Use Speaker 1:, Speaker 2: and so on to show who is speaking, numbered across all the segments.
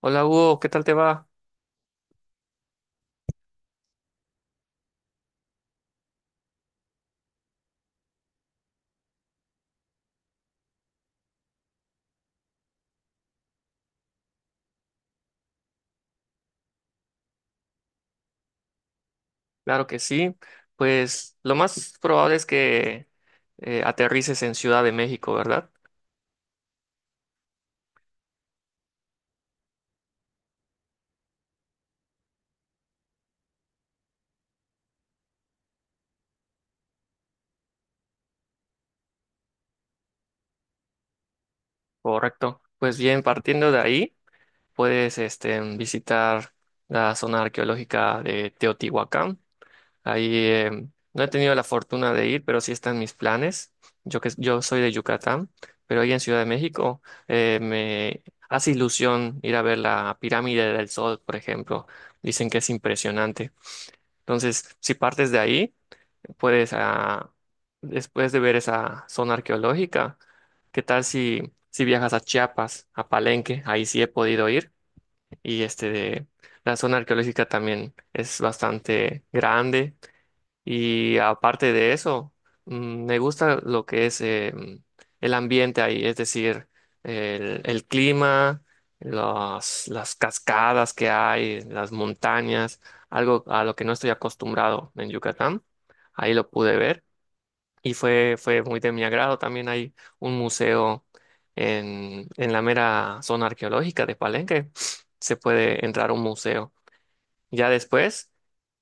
Speaker 1: Hola Hugo, ¿qué tal te va? Claro que sí. Pues lo más probable es que aterrices en Ciudad de México, ¿verdad? Correcto. Pues bien, partiendo de ahí, puedes este, visitar la zona arqueológica de Teotihuacán. Ahí no he tenido la fortuna de ir, pero sí están mis planes. Yo, que, yo soy de Yucatán, pero ahí en Ciudad de México me hace ilusión ir a ver la Pirámide del Sol, por ejemplo. Dicen que es impresionante. Entonces, si partes de ahí, puedes, después de ver esa zona arqueológica, ¿qué tal si, si viajas a Chiapas, a Palenque? Ahí sí he podido ir y este de, la zona arqueológica también es bastante grande, y aparte de eso, mm, me gusta lo que es el ambiente ahí, es decir, el clima, las cascadas que hay, las montañas, algo a lo que no estoy acostumbrado en Yucatán. Ahí lo pude ver y fue muy de mi agrado. También hay un museo en la mera zona arqueológica de Palenque. Se puede entrar a un museo. Ya después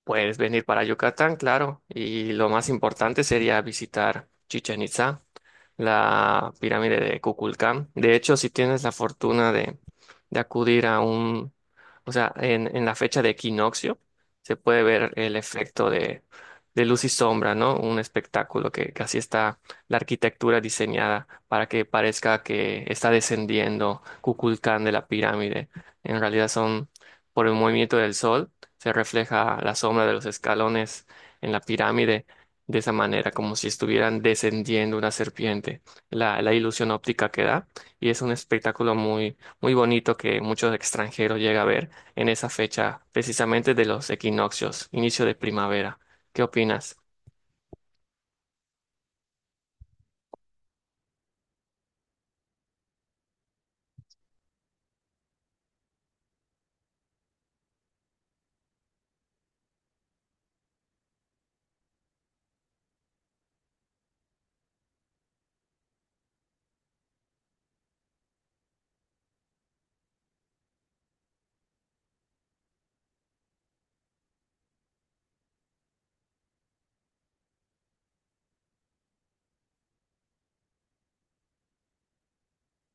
Speaker 1: puedes venir para Yucatán, claro, y lo más importante sería visitar Chichen Itzá, la pirámide de Kukulcán. De hecho, si tienes la fortuna de acudir a un, o sea, en la fecha de equinoccio, se puede ver el efecto de luz y sombra, ¿no? Un espectáculo que así está la arquitectura diseñada para que parezca que está descendiendo Kukulcán de la pirámide. En realidad son por el movimiento del sol se refleja la sombra de los escalones en la pirámide de esa manera, como si estuvieran descendiendo una serpiente, la ilusión óptica que da, y es un espectáculo muy, muy bonito que muchos extranjeros llegan a ver en esa fecha, precisamente de los equinoccios, inicio de primavera. ¿Qué opinas?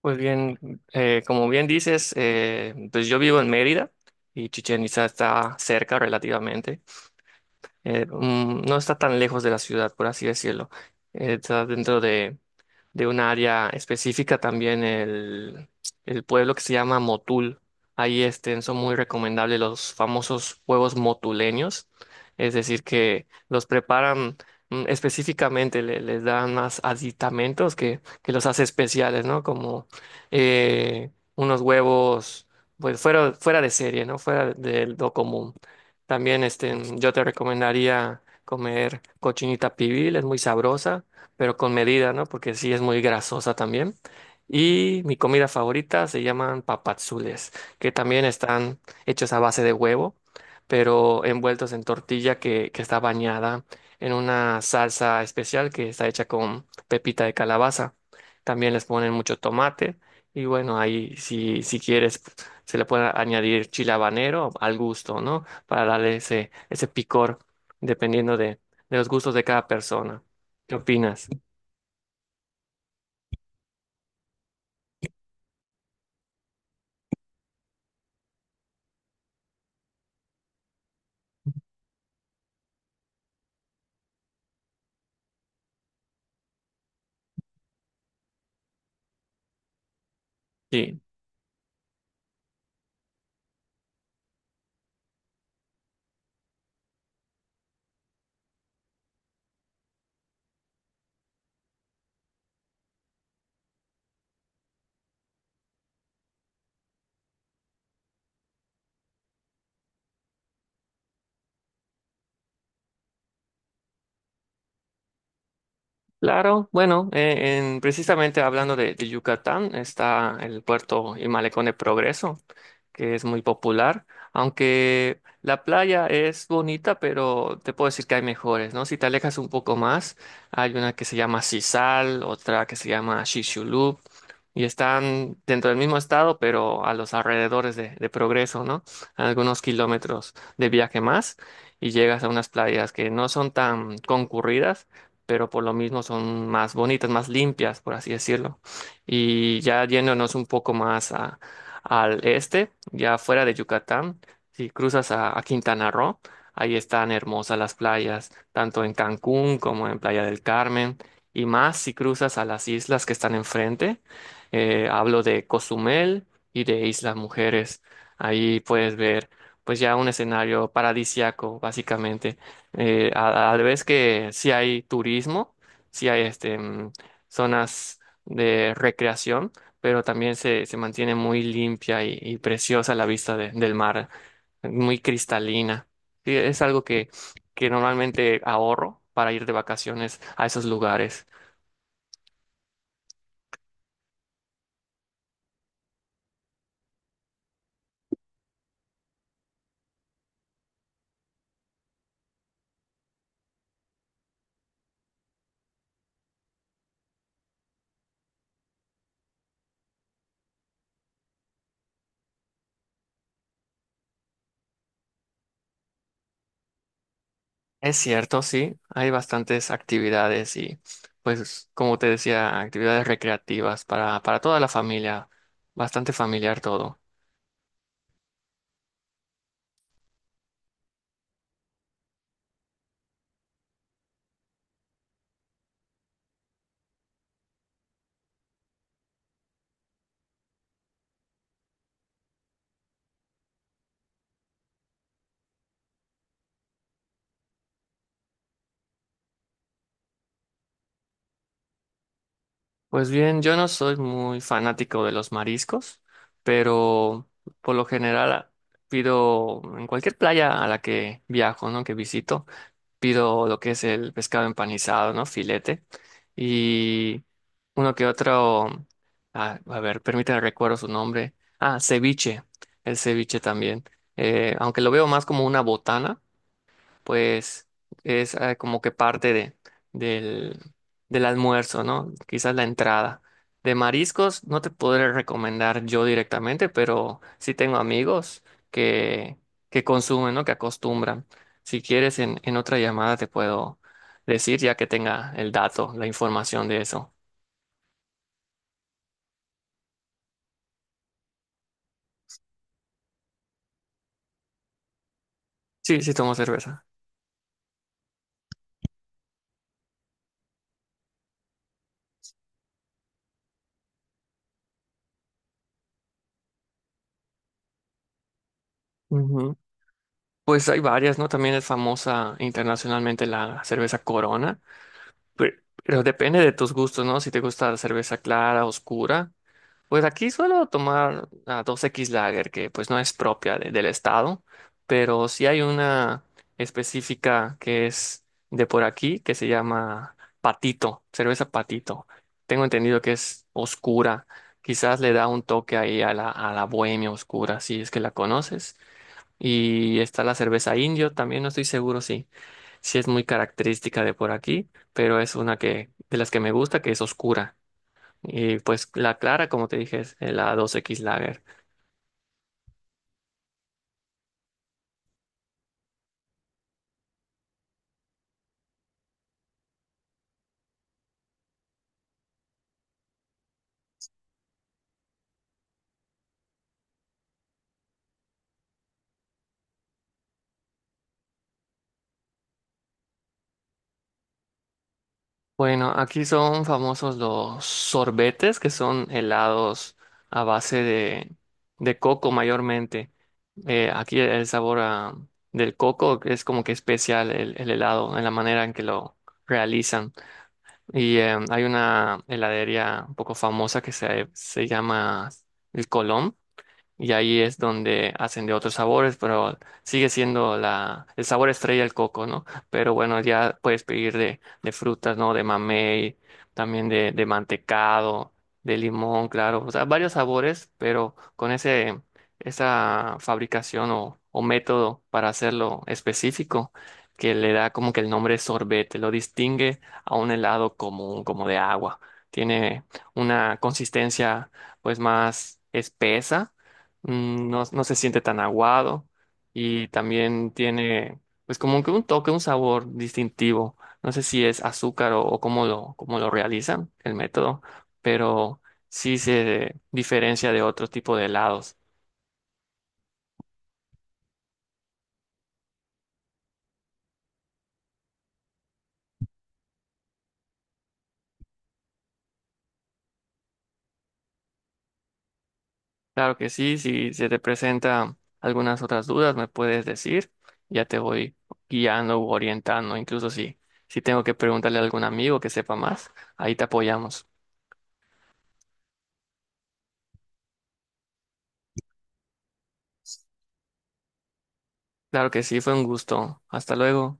Speaker 1: Pues bien, como bien dices, pues yo vivo en Mérida y Chichén Itzá está cerca relativamente. No está tan lejos de la ciudad, por así decirlo. Está dentro de un área específica, también el pueblo que se llama Motul. Ahí este, son muy recomendables los famosos huevos motuleños, es decir, que los preparan mm, específicamente, les dan más aditamentos que los hace especiales, ¿no? Como unos huevos, pues fuera, fuera de serie, ¿no? Fuera de lo común. También este, yo te recomendaría comer cochinita pibil, es muy sabrosa pero con medida, ¿no? Porque sí es muy grasosa también. Y mi comida favorita se llaman papadzules, que también están hechos a base de huevo, pero envueltos en tortilla que está bañada en una salsa especial que está hecha con pepita de calabaza. También les ponen mucho tomate y bueno, ahí si, si quieres se le puede añadir chile habanero al gusto, ¿no? Para darle ese, ese picor dependiendo de los gustos de cada persona. ¿Qué opinas? Sí, claro. Bueno, precisamente hablando de Yucatán, está el puerto y malecón de Progreso. Que es muy popular, aunque la playa es bonita, pero te puedo decir que hay mejores, ¿no? Si te alejas un poco más, hay una que se llama Sisal, otra que se llama Shishulub, y están dentro del mismo estado, pero a los alrededores de Progreso, ¿no? A algunos kilómetros de viaje más, y llegas a unas playas que no son tan concurridas. Pero por lo mismo son más bonitas, más limpias, por así decirlo. Y ya yéndonos un poco más al este, ya fuera de Yucatán, si cruzas a Quintana Roo, ahí están hermosas las playas, tanto en Cancún como en Playa del Carmen, y más si cruzas a las islas que están enfrente. Hablo de Cozumel y de Islas Mujeres. Ahí puedes ver, pues ya un escenario paradisiaco, básicamente. A, a la vez que sí hay turismo, sí hay este, mm, zonas de recreación pero también se mantiene muy limpia y preciosa la vista del mar, muy cristalina. Sí, es algo que normalmente ahorro para ir de vacaciones a esos lugares. Es cierto, sí, hay bastantes actividades y, pues, como te decía, actividades recreativas para toda la familia, bastante familiar todo. Pues bien, yo no soy muy fanático de los mariscos, pero por lo general pido en cualquier playa a la que viajo, ¿no? Que visito, pido lo que es el pescado empanizado, ¿no? Filete y uno que otro, a ver, permítame recuerdo su nombre. Ah, ceviche, el ceviche también. Aunque lo veo más como una botana pues es como que parte de, del, del almuerzo, ¿no? Quizás la entrada. De mariscos no te podré recomendar yo directamente, pero sí tengo amigos que, que consumen, ¿no? Que acostumbran. Si quieres, en otra llamada te puedo decir ya que tenga el dato, la información de eso. Sí, sí tomo cerveza. Ujú. Pues hay varias, ¿no? También es famosa internacionalmente la cerveza Corona. Pero, pero depende de tus gustos, ¿no? Si te gusta la cerveza clara, oscura. Pues aquí suelo tomar la 2X Lager, que pues no es propia del estado, pero sí hay una específica que es de por aquí, que se llama Patito, cerveza Patito. Tengo entendido que es oscura. Quizás le da un toque ahí a la bohemia oscura, si es que la conoces. Y está la cerveza Indio, también no estoy seguro, sí es muy característica de por aquí, pero es una que de las que me gusta, que es oscura. Y pues la clara, como te dije, es la 2X Lager. Bueno, aquí son famosos los sorbetes, que son helados a base de coco mayormente. Aquí el sabor del coco es como que especial el helado en la manera en que lo realizan. Y hay una heladería un poco famosa que se llama El Colón y ahí es donde hacen de otros sabores, pero sigue siendo la, el sabor estrella el coco, ¿no? Pero bueno, ya puedes pedir de frutas, ¿no? De mamey, también de mantecado, de limón, claro, o sea, varios sabores, pero con ese, esa fabricación o método para hacerlo específico. Que le da como que el nombre sorbete, lo distingue a un helado común, como de agua. Tiene una consistencia pues más espesa mm, no, no se siente tan aguado y también tiene pues como que un toque, un sabor distintivo. No sé si es azúcar o cómo lo realizan el método, pero sí se diferencia de otro tipo de helados. Claro que sí, si se te presentan algunas otras dudas, me puedes decir, ya te voy guiando u orientando, incluso si, si tengo que preguntarle a algún amigo que sepa más, ahí te apoyamos. Claro que sí, fue un gusto. Hasta luego.